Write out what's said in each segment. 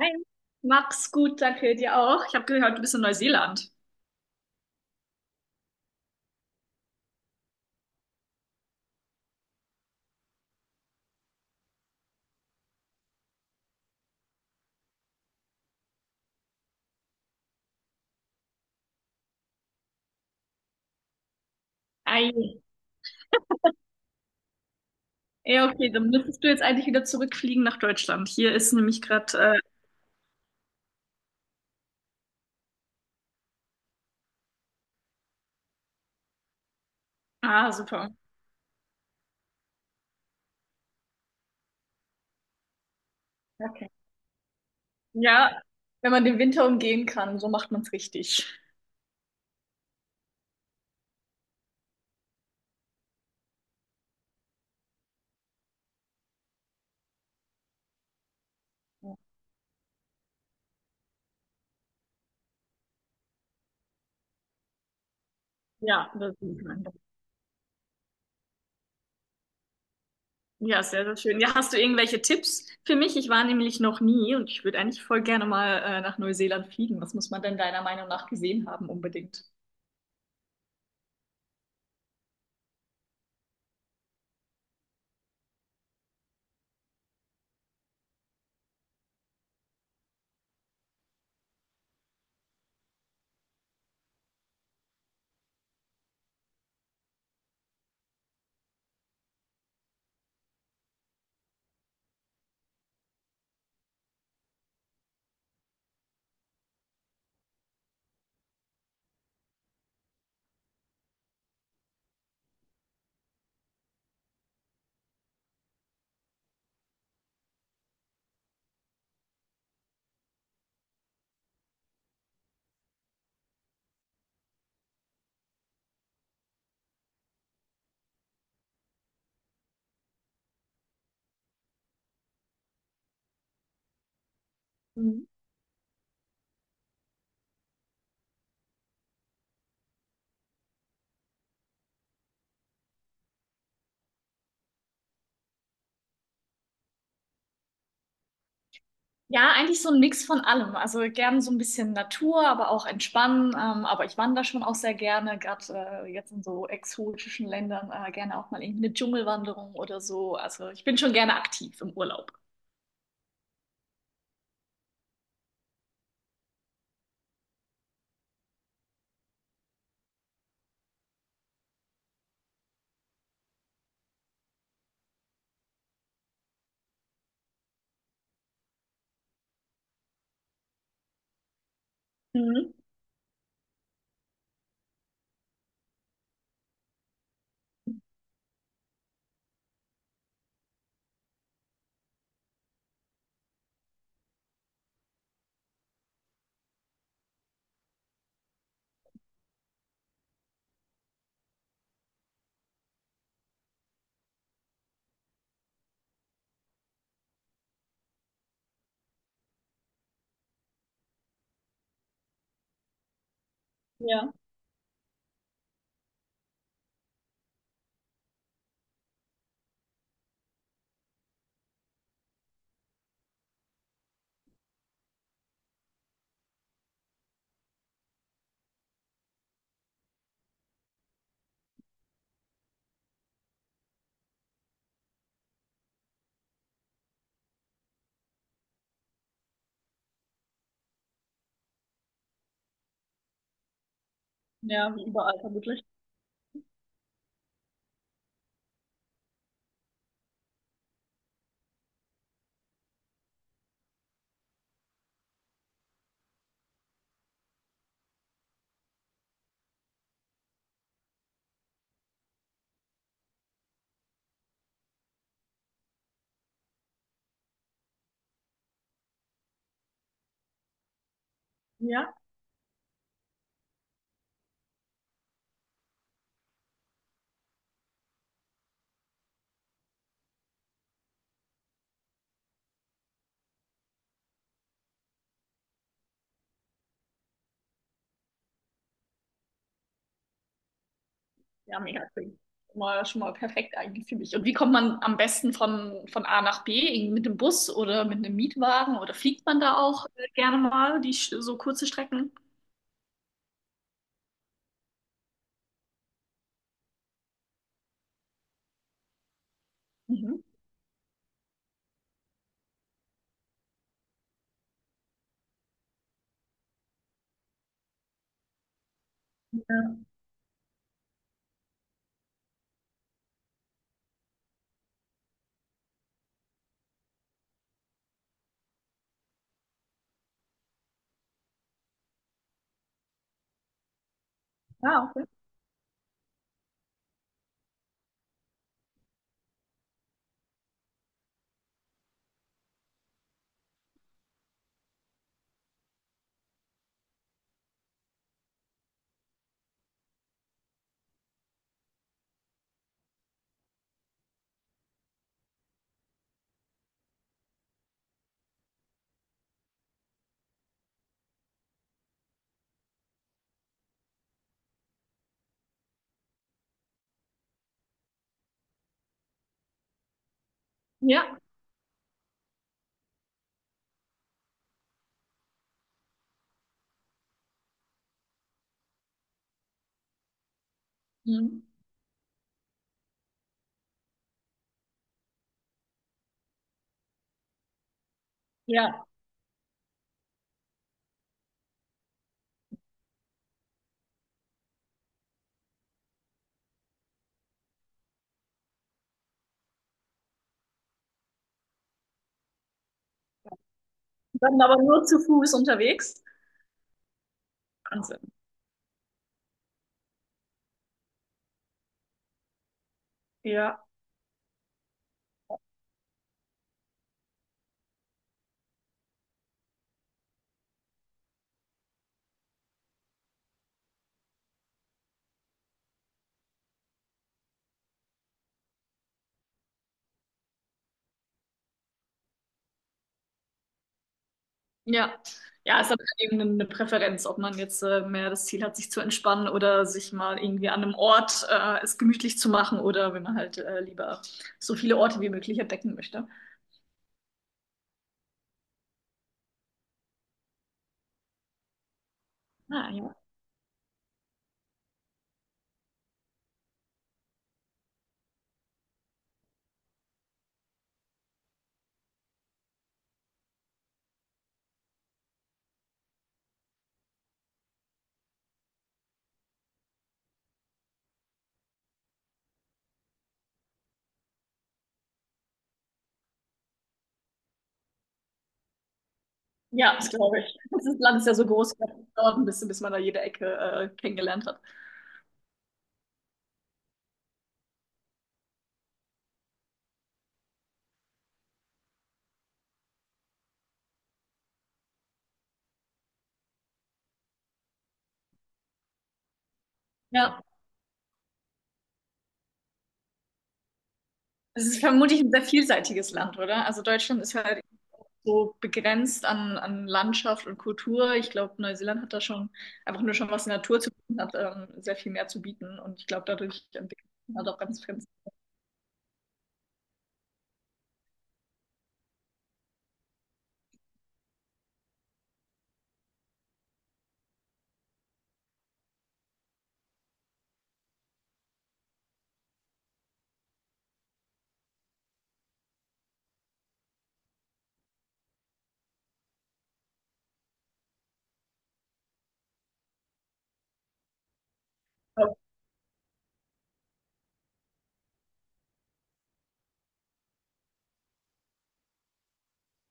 Hi. Mach's gut, danke dir auch. Ich habe gehört, du bist in Neuseeland. Ei. Ja, okay, dann müsstest du jetzt eigentlich wieder zurückfliegen nach Deutschland. Hier ist nämlich gerade. Ah, super. Okay. Ja, wenn man den Winter umgehen kann, so macht man's richtig. Ja, das ist mein. Ja, sehr, sehr schön. Ja, hast du irgendwelche Tipps für mich? Ich war nämlich noch nie und ich würde eigentlich voll gerne mal nach Neuseeland fliegen. Was muss man denn deiner Meinung nach gesehen haben unbedingt? Mhm. Ja, eigentlich so ein Mix von allem. Also gern so ein bisschen Natur, aber auch entspannen. Aber ich wandere schon auch sehr gerne, gerade jetzt in so exotischen Ländern, gerne auch mal irgendwie eine Dschungelwanderung oder so. Also ich bin schon gerne aktiv im Urlaub. Mhm. Ja, ja, wie überall vermutlich. Ja. Ja, mega cool. Schon mal, schon mal perfekt eigentlich für mich. Und wie kommt man am besten von A nach B? Irgendwie mit dem Bus oder mit einem Mietwagen? Oder fliegt man da auch gerne mal die so kurze Strecken? Mhm. Ja. Ah, okay. Ja. Mhm. Ja. Dann aber nur zu Fuß unterwegs. Wahnsinn. Ja. Ja. Ja, es hat eben eine Präferenz, ob man jetzt mehr das Ziel hat, sich zu entspannen oder sich mal irgendwie an einem Ort es gemütlich zu machen, oder wenn man halt lieber so viele Orte wie möglich entdecken möchte. Ah, ja. Ja, das glaube ich. Das ist- Land ist ja so groß, das dauert ein bisschen, bis man da jede Ecke kennengelernt hat. Ja, es ist vermutlich ein sehr vielseitiges Land, oder? Also Deutschland ist halt so begrenzt an, an Landschaft und Kultur. Ich glaube, Neuseeland hat da schon einfach nur schon, was die Natur zu bieten hat, sehr viel mehr zu bieten. Und ich glaube, dadurch entwickelt man halt auch ganz, ganz.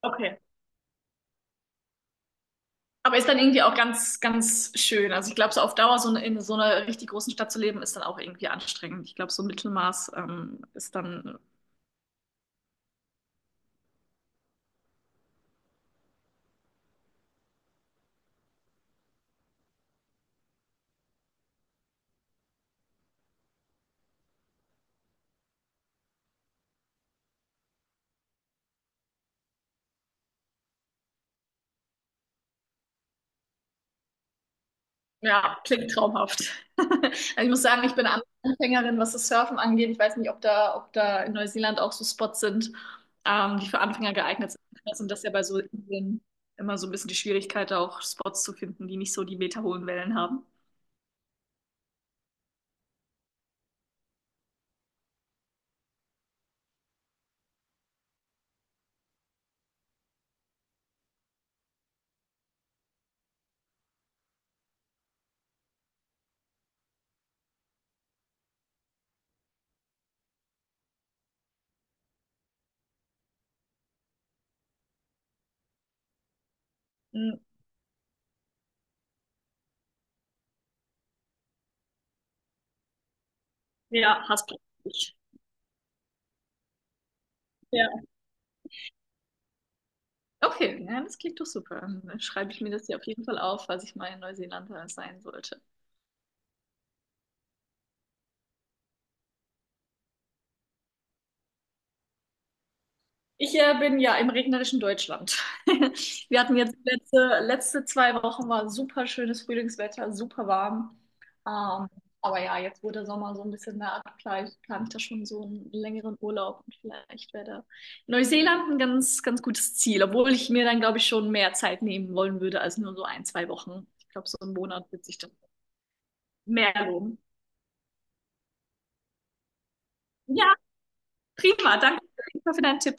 Okay. Aber ist dann irgendwie auch ganz, ganz schön. Also ich glaube, so auf Dauer so eine, in so einer richtig großen Stadt zu leben, ist dann auch irgendwie anstrengend. Ich glaube, so ein Mittelmaß ist dann. Ja, klingt traumhaft. Also ich muss sagen, ich bin Anfängerin, was das Surfen angeht. Ich weiß nicht, ob da in Neuseeland auch so Spots sind, die für Anfänger geeignet sind. Und das ist ja bei so Inseln immer so ein bisschen die Schwierigkeit, auch Spots zu finden, die nicht so die meterhohen Wellen haben. Mhm. Ja, hast du. Richtig. Ja. Okay, ja, das klingt doch super. Dann schreibe ich mir das hier auf jeden Fall auf, falls ich mal in Neuseeland sein sollte. Ich bin ja im regnerischen Deutschland. Wir hatten jetzt letzte 2 Wochen war super schönes Frühlingswetter, super warm. Ähm, aber ja, jetzt wo der Sommer so ein bisschen naht, vielleicht plane ich da schon so einen längeren Urlaub, und vielleicht wäre Neuseeland ein ganz, ganz gutes Ziel, obwohl ich mir dann, glaube ich, schon mehr Zeit nehmen wollen würde als nur so ein, zwei Wochen. Ich glaube, so einen Monat wird sich dann mehr lohnen. Ja, prima. Danke für deinen Tipp.